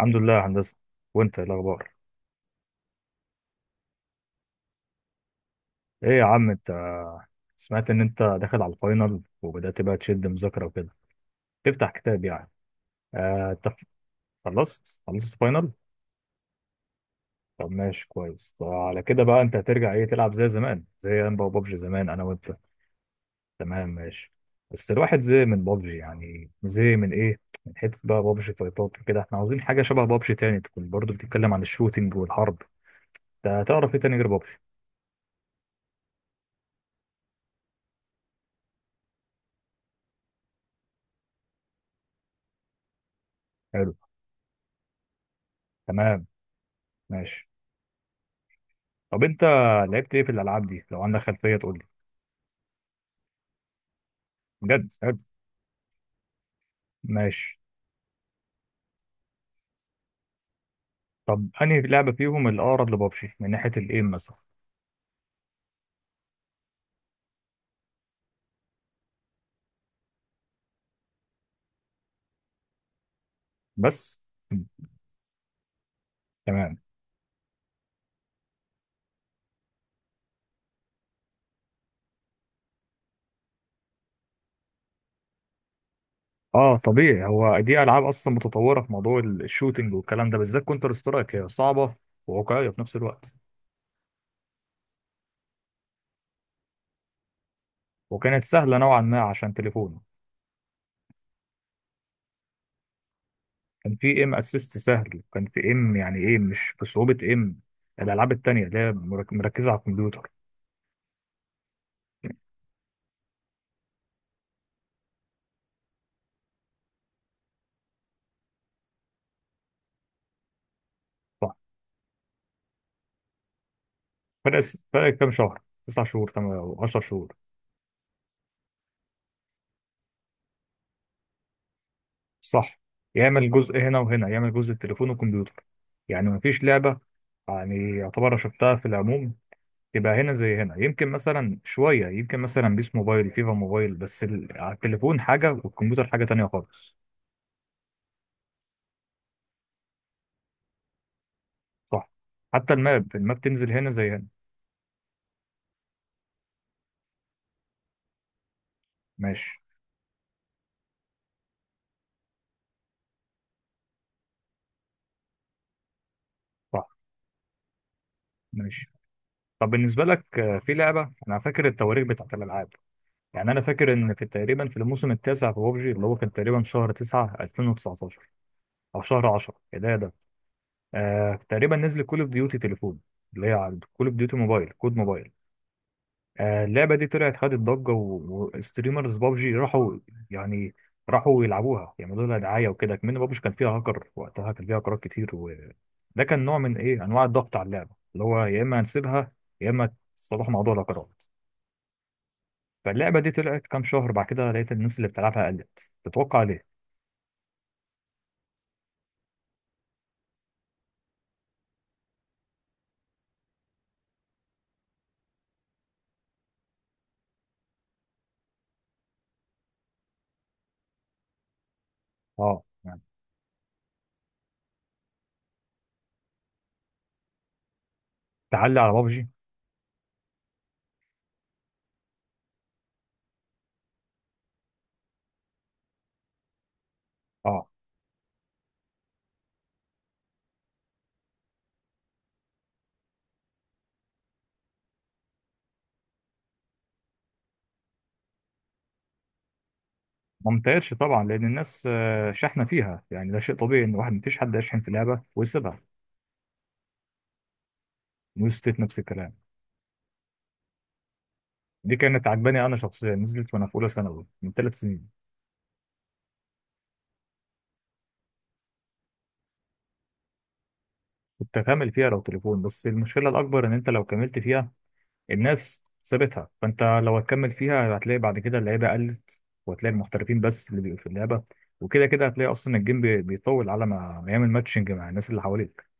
الحمد لله يا هندسة، وانت ايه الاخبار؟ ايه يا عم انت، سمعت ان انت داخل على الفاينل وبدأت بقى تشد مذاكرة وكده. تفتح كتاب يعني. آه انت خلصت فاينل. طب ماشي كويس. طب على كده بقى انت هترجع ايه، تلعب زي زمان، زي انا وبابجي زمان، انا وانت؟ تمام ماشي. بس الواحد زهق من بابجي، يعني زهق من ايه من حتة بقى بابجي فايتات وكده، احنا عاوزين حاجة شبه بابجي تاني تكون برضو بتتكلم عن الشوتينج والحرب. ده تعرف ايه تاني غير بابجي؟ حلو. تمام. ماشي. طب انت لعبت ايه في الالعاب دي؟ لو عندك خلفيه تقول لي. بجد حلو. ماشي. طب انهي لعبه فيهم الاقرب لبابجي من ناحيه الايم مثلا؟ بس. مم. تمام. اه طبيعي، هو دي العاب اصلا متطوره في موضوع الشوتينج والكلام ده، بالذات كونتر سترايك هي صعبه وواقعيه في نفس الوقت. وكانت سهله نوعا ما عشان تليفون. كان في ايم اسيست سهل، كان في ايم يعني ايه، مش بصعوبه ايم الالعاب التانيه اللي هي مركزه على الكمبيوتر. صح. فرق فرق كام شهر، تسع شهور، تمام، او 10 شهور. صح. يعمل جزء هنا وهنا، يعمل جزء التليفون والكمبيوتر. يعني مفيش لعبة، يعني يعتبر شفتها في العموم تبقى هنا زي هنا. يمكن مثلا شوية، يمكن مثلا بيس موبايل، فيفا موبايل، بس على التليفون حاجة والكمبيوتر حاجة تانية خالص. صح. حتى الماب تنزل هنا زي هنا. ماشي. صح. ماشي. طب بالنسبة لك في لعبة، أنا فاكر التواريخ بتاعت الألعاب. يعني أنا فاكر إن في تقريبا في الموسم التاسع في بابجي اللي هو كان تقريبا شهر 9 2019، أو شهر 10 كده. آه تقريبا نزل كول اوف ديوتي تليفون، اللي هي على كول اوف ديوتي موبايل، كود موبايل. آه اللعبه دي طلعت خدت ضجه وستريمرز بابجي راحوا. يعني راحوا يلعبوها، يعملوا لها دعايه وكده. كمان بابجي كان فيها هاكر وقتها، كان فيها هاكرات كتير، وده كان نوع من ايه انواع الضغط على اللعبه، اللي هو يا اما هنسيبها يا اما تصلحوا موضوع الهاكرات. فاللعبه دي طلعت كام شهر بعد كده لقيت الناس اللي بتلعبها قلت، تتوقع ليه؟ اه يعني. تعلي على بابجي. اه ممتازش طبعا لان الناس شحنه فيها، يعني ده شيء طبيعي ان واحد، مفيش حد يشحن في لعبه ويسيبها. نيو ستيت نفس الكلام. دي كانت عجباني انا شخصيا، نزلت وانا في اولى ثانوي من ثلاث سنين. كنت هكمل فيها لو تليفون، بس المشكله الاكبر ان انت لو كملت فيها، الناس سابتها، فانت لو هتكمل فيها هتلاقي بعد كده اللعيبه قلت، وهتلاقي المحترفين بس اللي بيبقوا في اللعبه. وكده كده هتلاقي اصلا الجيم بيطول على ما يعمل ماتشنج مع الناس اللي حواليك.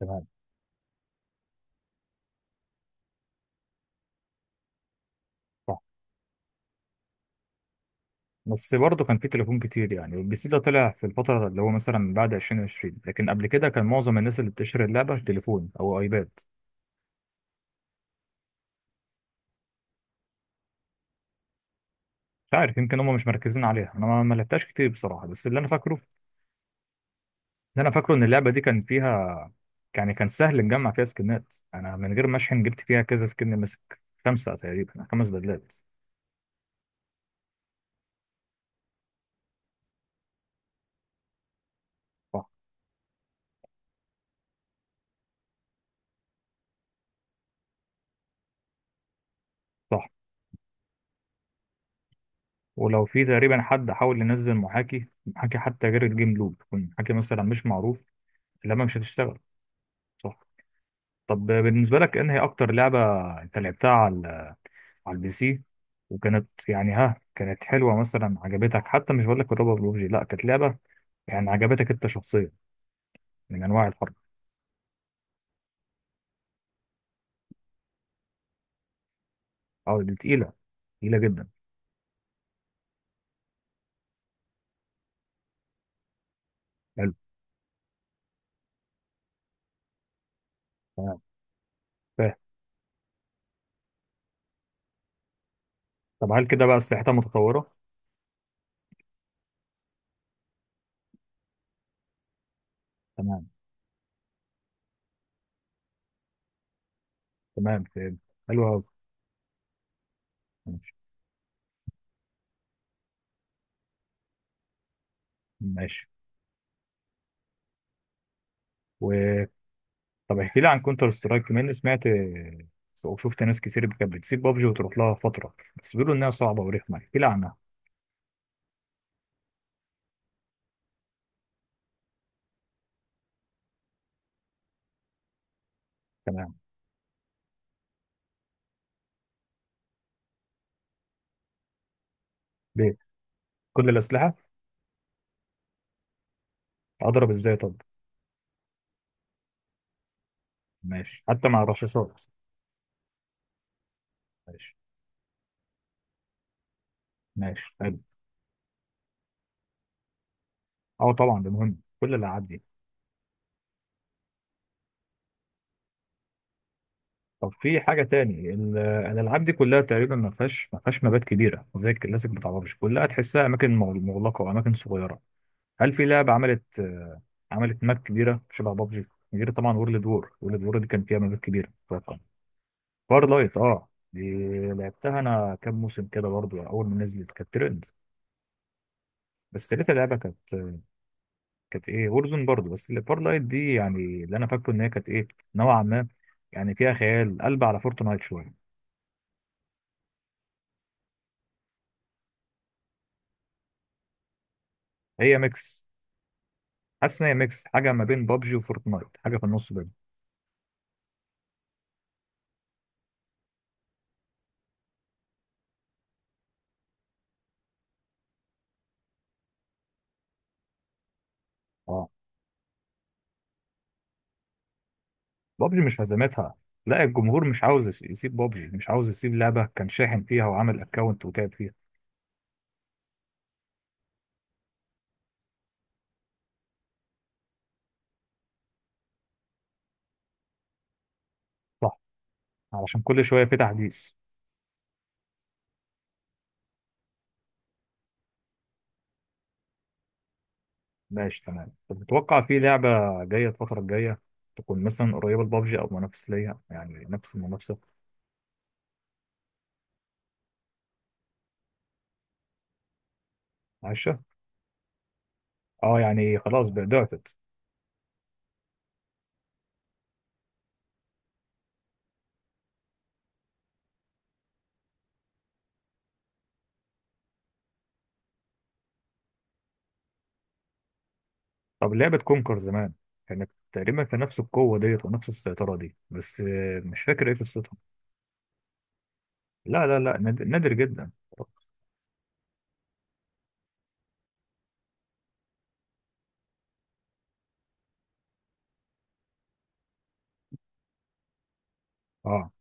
تمام. بس برضه كان في تليفون كتير يعني، والبي سي ده طلع في الفترة اللي هو مثلا بعد 2020، لكن قبل كده كان معظم الناس اللي بتشتري اللعبة تليفون أو أيباد. مش عارف، يمكن هم مش مركزين عليها، أنا ما لعبتهاش كتير بصراحة، بس اللي أنا فاكره إن اللعبة دي كان فيها، يعني كان سهل نجمع فيها سكنات، أنا من غير ما أشحن جبت فيها كذا سكن مسك، خمسة تقريبا، خمس بدلات. صح. صح. ولو في تقريبا حد حاول ينزل محاكي حتى غير الجيم لوب، يكون محاكي مثلا مش معروف، اللعبة مش هتشتغل. صح. طب بالنسبة لك انهي اكتر لعبة انت لعبتها على، على البي سي وكانت يعني ها، كانت حلوة مثلا عجبتك، حتى مش بقول لك الروبر بلوبجي، لا كانت لعبة يعني عجبتك انت شخصيا من انواع الحرب؟ او دي تقيلة؟ تقيلة جدا. حلو. تمام فاهم. طب هل كده بقى اسلحتها متطورة؟ تمام. تمام فاهم. حلو قوي. ماشي. ماشي. و... طب احكي لي عن كونتر سترايك كمان، سمعت وشفت ناس كتير كانت بتسيب بابجي وتروح لها فترة، بس بيقولوا انها صعبة ورخمة، احكي لي عنها. تمام. ليه؟ كل الأسلحة؟ اضرب ازاي طب؟ ماشي، حتى مع الرشاشات؟ ماشي. ماشي حلو. اه طبعا ده مهم كل الالعاب دي. طب في حاجه تاني، الالعاب دي كلها تقريبا ما فيهاش مبات كبيره زي الكلاسيك بتاع بابجي، كلها تحسها اماكن مغلقه واماكن صغيره. هل في لعبه عملت عملت ماب كبيره شبه بابجي غير طبعا وورلد وور؟ وورلد وور دي كان فيها مابات كبيره اتوقع. فار لايت. اه دي لعبتها انا كام موسم كده برضو، اول ما نزلت كانت ترند، بس لقيت اللعبه كانت، كانت ايه؟ وورزون برضو، بس اللي فار لايت دي يعني، اللي انا فاكره ان هي كانت ايه، نوعا ما يعني فيها خيال، قلب على فورتنايت شويه. هي ميكس، حاسس ان هي ميكس حاجه ما بين بابجي وفورتنايت، حاجه في النص بينهم. اه. بابجي مش هزمتها، لا، الجمهور مش عاوز يسيب بابجي، مش عاوز يسيب لعبه كان شاحن فيها وعامل اكونت وتعب فيها. صح، علشان كل شويه في تحديث. ماشي تمام. طب تتوقع في لعبه جايه الفتره الجايه تكون مثلا قريبه لبابجي او منافس ليها، يعني نفس المنافسه؟ عايشه. اه يعني خلاص بقى ضعفت. طب لعبة كونكر زمان كانت تقريبا في نفس القوة ديت ونفس السيطرة دي، بس مش فاكر ايه قصتها. لا لا لا، نادر, نادر جدا. اه.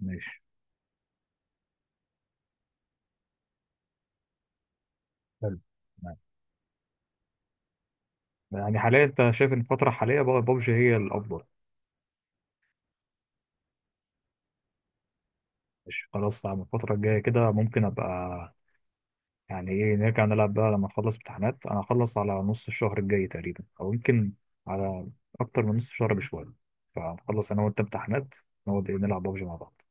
ماشي. حلو. تمام. يعني حاليا انت شايف ان الفترة الحالية بقى بابجي هي الأفضل؟ مش خلاص على الفترة الجاية كده ممكن أبقى، يعني ايه، نرجع نلعب بقى لما نخلص امتحانات. أنا هخلص على نص الشهر الجاي تقريبا أو يمكن على أكتر من نص شهر بشوية، فنخلص أنا وأنت امتحانات، نقعد ايه، نلعب بابجي مع بعض.